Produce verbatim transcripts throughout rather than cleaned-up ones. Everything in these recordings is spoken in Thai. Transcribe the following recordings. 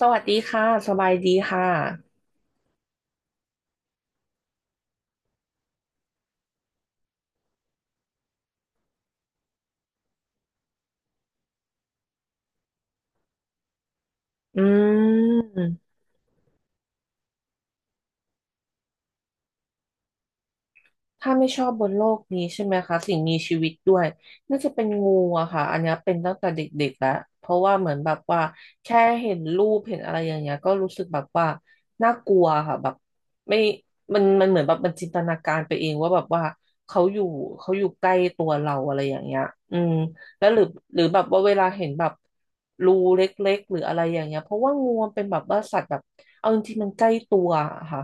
สวัสดีค่ะ สบายดีค่ะอืม ถ้าไม่ชอบบนโลกนี้ใช่ไหมคะสิ่งมีชีวิตด้วยน่าจะเป็นงูอะค่ะอันเนี้ยเป็นตั้งแต่เด็กๆแล้วเพราะว่าเหมือนแบบว่าแค่เห็นรูปเห็นอะไรอย่างเงี้ยก็รู้สึกแบบว่าน่ากลัวค่ะแบบไม่มันมันเหมือนแบบมันจินตนาการไปเองว่าแบบว่าเขาอยู่เขาอยู่ใกล้ตัวเราอะไรอย่างเงี้ยอืมแล้วหรือหรือแบบว่าเวลาเห็นแบบรูเล็กๆหรืออะไรอย่างเงี้ยเพราะว่างูมันเป็นแบบว่าสัตว์แบบเอาจริงๆมันใกล้ตัวอะค่ะ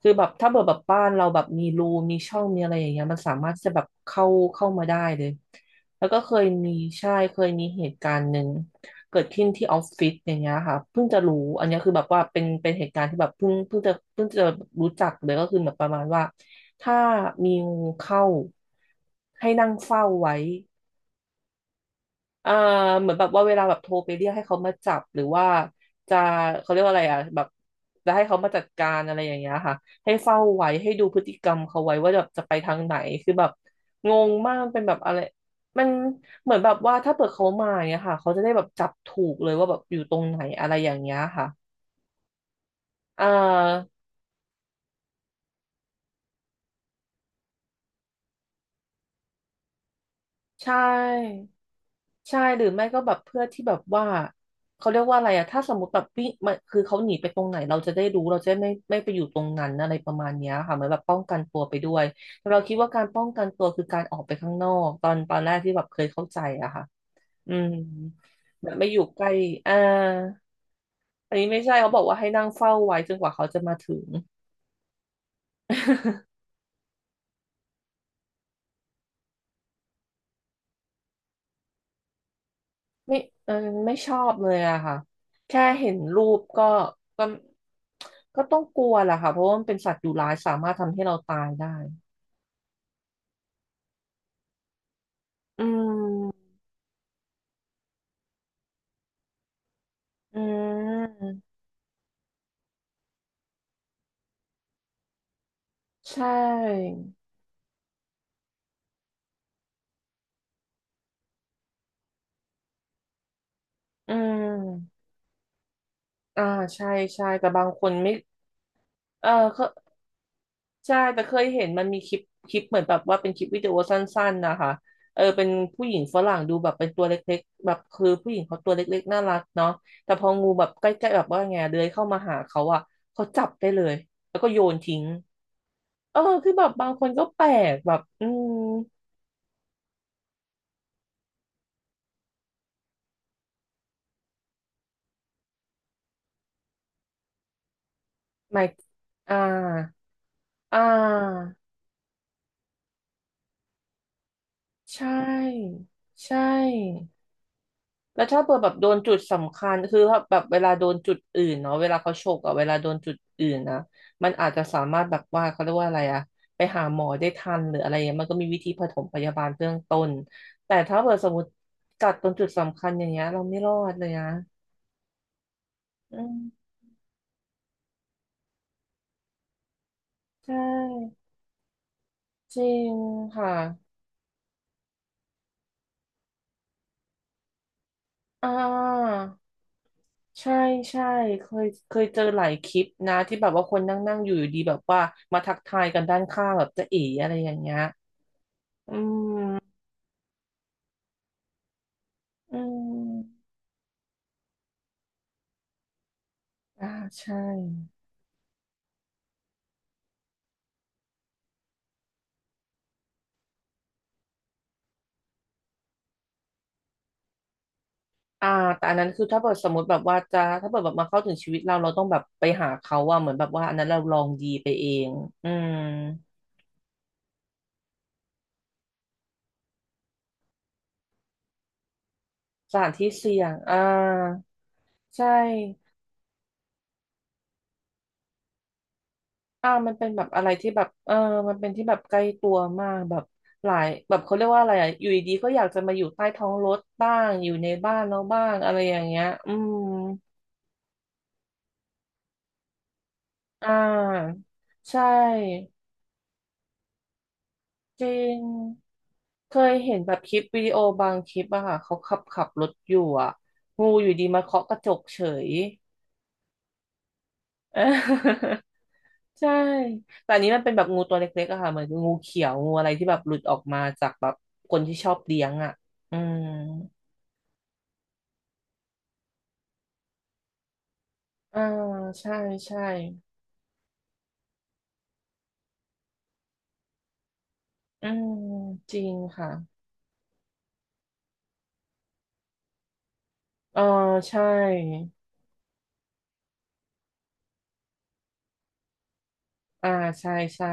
คือแบบถ้าเกิดแบบบ้านเราแบบมีรูมีช่องมีอะไรอย่างเงี้ยมันสามารถที่จะแบบเข้าเข้ามาได้เลยแล้วก็เคยมีใช่เคยมีเหตุการณ์หนึ่งเกิดขึ้นที่ออฟฟิศอย่างเงี้ยค่ะเพิ่งจะรู้อันเนี้ยคือแบบว่าเป็นเป็นเหตุการณ์ที่แบบเพิ่งเพิ่งจะเพิ่งจะรู้จักเลยก็คือแบบประมาณว่าถ้ามีงูเข้าให้นั่งเฝ้าไว้ เอ่าเหมือนแบบว่าเวลาแบบโทรไปเรียกให้เขามาจับหรือว่าจะเขาเรียกว่าอะไรอ่ะแบบจะให้เขามาจัดการอะไรอย่างเงี้ยค่ะให้เฝ้าไว้ให้ดูพฤติกรรมเขาไว้ว่าแบบจะไปทางไหนคือแบบงงมากมันเป็นแบบอะไรมันเหมือนแบบว่าถ้าเปิดเขามาอย่างเงี้ยค่ะเขาจะได้แบบจับถูกเลยว่าแบบอยู่ตรงไหนอะไรอย่างเงี้ยค่ะอ่าใช่ ใช่หรือไม่ก็แบบเพื่อที่แบบว่าเขาเรียกว่าอะไรอะถ้าสมมติแบบวิ่งมันคือเขาหนีไปตรงไหนเราจะได้รู้เราจะไม่ไม่ไปอยู่ตรงนั้นอะไรประมาณเนี้ยค่ะเหมือนแบบป้องกันตัวไปด้วยแต่เราคิดว่าการป้องกันตัวคือการออกไปข้างนอกตอนตอนแรกที่แบบเคยเข้าใจอะค่ะอืมแบบไม่อยู่ใกล้อ่าอันนี้ไม่ใช่เขาบอกว่าให้นั่งเฝ้าไว้จนกว่าเขาจะมาถึง ไม่เออไม่ชอบเลยอะค่ะ แค่เห็นรูปก็ก็ก็ต้องกลัวแหละค่ะเพราะว่ามันเป็นสัตว์ดุร้ายสามารถทำให้เราตายได้ อืมอืมใช่อืมอ่าใช่ใช่แต่บางคนไม่เออเขา ใช่ แต่เคยเห็นมันมีคลิปคลิปเหมือนแบบว่าเป็นคลิปวิดีโอสั้นๆนะคะเออเป็นผู้หญิงฝรั่งดูแบบเป็นตัวเล็กๆแบบคือผู้หญิงเขาตัวเล็กๆน่ารักเนาะแต่พองูแบบใกล้ๆแบบว่าไงเลื้อยเข้ามาหาเขาอะเขาจับได้เลยแล้วก็โยนทิ้งเออคือแบบบางคนก็แปลกแบบอืมหมายอ่าอ่าใช่ใช่ แล้วถ้าเปิดแบบโดนจุดสำคัญคือถ้าแบบเวลาโดนจุดอื่นเนาะเวลาเขาฉกอะเวลาโดนจุดอื่นนะมันอาจจะสามารถแบบว่าเขาเรียกว่าอะไรอะไปหาหมอได้ทันหรืออะไรเงี้ยมันก็มีวิธีปฐมพยาบาลเบื้องต้นแต่ถ้าเปิดสมมติกัดตรงจุดสำคัญอย่างเงี้ยเราไม่รอดเลยนะอืมใช่จริงค่ะอ่าใช่ใช่เคยเคยเจอหลายคลิปนะที่แบบว่าคนนั่งนั่งอยู่ดีแบบว่ามาทักทายกันด้านข้างแบบจะเอ๋อะไรอย่างเงี้ยอืม อืมอ่าใช่อ่าแต่อันนั้นคือถ้าเกิดสมมติแบบว่าจะถ้าเกิดแบบมาเข้าถึงชีวิตเราเราต้องแบบไปหาเขาว่าเหมือนแบบว่าอันนั้นเราลองดีไปเองอืมสถานที่เสี่ยงอ่าใช่อ่ามันเป็นแบบอะไรที่แบบเออมันเป็นที่แบบใกล้ตัวมากแบบหลายแบบเขาเรียกว่าอะไรอะอยู่ดีๆก็อยากจะมาอยู่ใต้ท้องรถบ้างอยู่ในบ้านเราบ้างอะไรอย่างเงี้ยอืมอ่าใช่ จริงเคยเห็นแบบคลิปวิดีโอบางคลิปอะค่ะเขาขับขับรถอยู่อะงูอยู่ดีมาเคาะกระจกเฉย เออใช่แต่อันนี้มันเป็นแบบงูตัวเล็กๆอะค่ะเหมือนงูเขียวงูอะไรที่แบบหลุดออกมาจากแบบคนที่ชอบเลี้ยงอะอืมอ่าใช่ใช่อืมจริงค่ะเออใช่อ่าใช่ใช่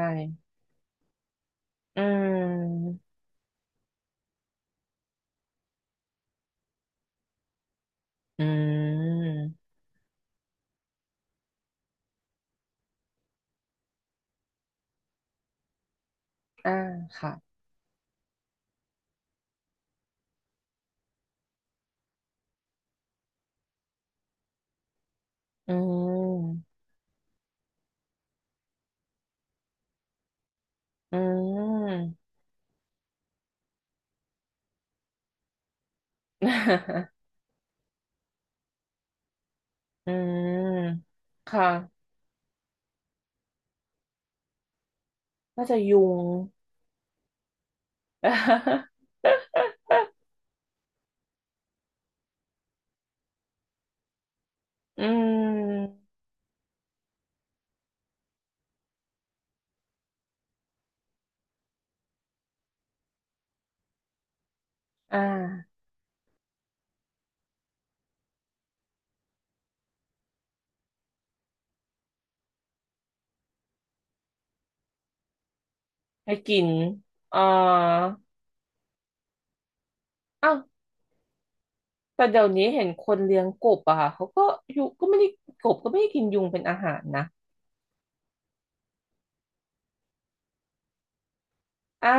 อืมอืมอ่าค่ะอืม อืม อืม ค่ะน่าจะยุง อืม อ่า ให้กิน อ่าอ้าวแต่เดี๋ยวนี้เห็นคนเลี้ยงกบอะค่ะเขาก็ยุงก็ไม่ได้กบก็ไม่ได้กินยุงเป็นอาหารนะ อ่า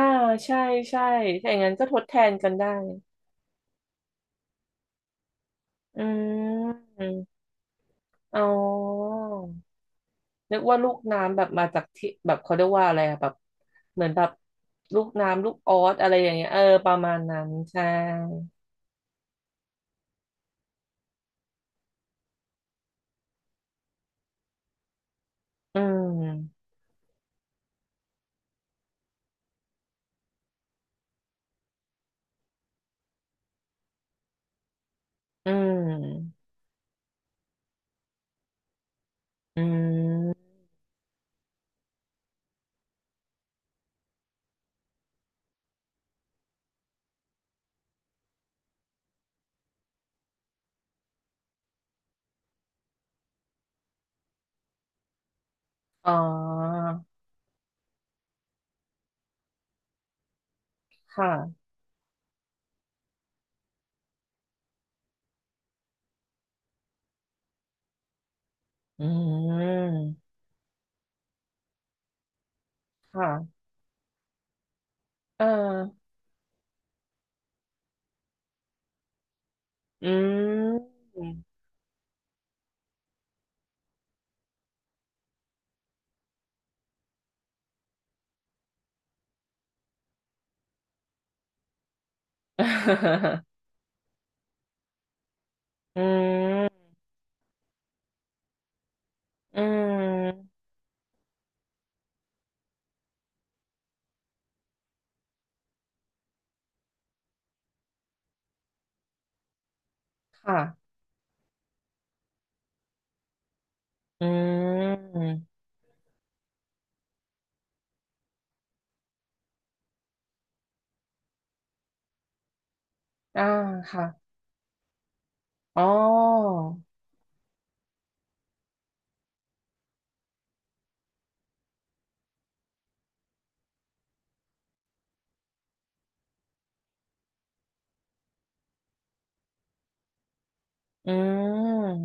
ใช่ ใช่ถ้าอย่างนั้นก็ทดแทนกันได้ อืมอ๋อ นึกว่าลูกน้ำแบบมาจากที่แบบเขาเรียกว่าอะไรอะแบบเหมือนแบบลูกน้ำลูกออสอะไรอย่างเงี้ยเออประมาณนั้นใช่อืมอืมอืมอ๋อค่ะอืมค่ะเอออืม อืมอืมค่ะอืมอ่าค่ะอ๋ออืม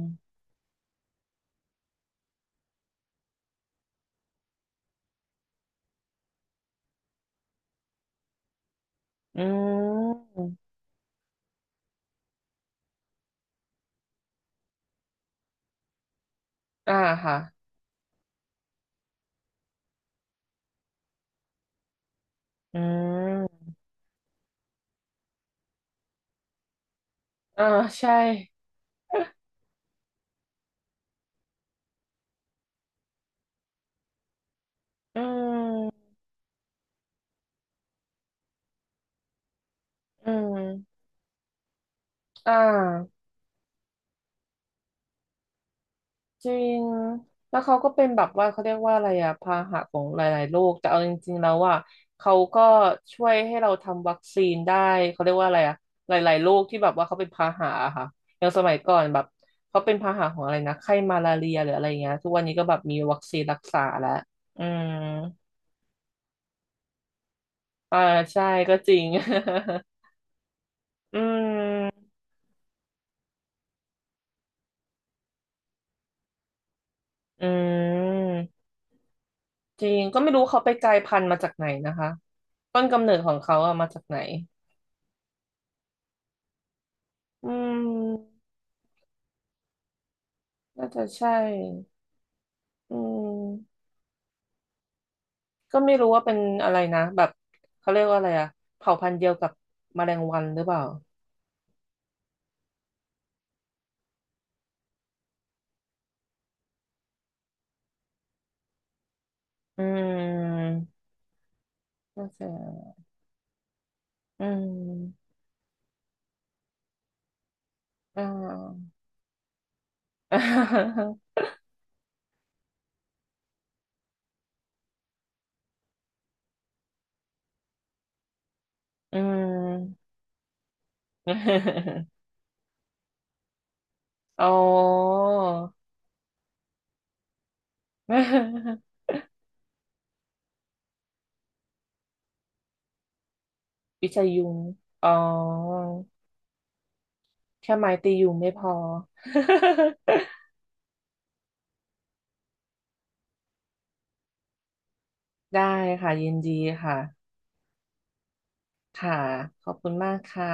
อืมอ่าค่ะ อืมอ่าใช่อืมอืมอ่าจริงแล้วเขาก็เป็นแบบว่าเขาเรียกว่าอะไรอะพาหะของหลายๆโรคแต่เอาจริงๆแล้วอะเขาก็ช่วยให้เราทำวัคซีนได้เขาเรียกว่าอะไรอะหลายๆโรคที่แบบว่าเขาเป็นพาหะอะค่ะอย่างสมัยก่อนแบบเขาเป็นพาหะของอะไรนะไข้มาลาเรียหรืออะไรเงี้ยทุกวันนี้ก็แบบมีวัคซีนรักษาแล้วอืมอ่าใช่ก็จริง อืมอืม จริงก็ไม่รู้เขาไปกลายพันธุ์มาจากไหนนะคะต้นกำเนิดของเขาอะมาจากไหนอืมน่าจะใช่อืมก็ไม่รู้ว่าเป็นอะไรนะแบบเขาเรียกว่าอะไรอะเผ่าพันธุ์เดียวกับแมลงวันหรือเปล่าอืมน่าจะอืมอ่า อืม อ๋อ วิจัยยุงอ๋อแค่ไม้ตียุงไม่พอ ได้ค่ะยินดีค่ะค่ะขอบคุณมากค่ะ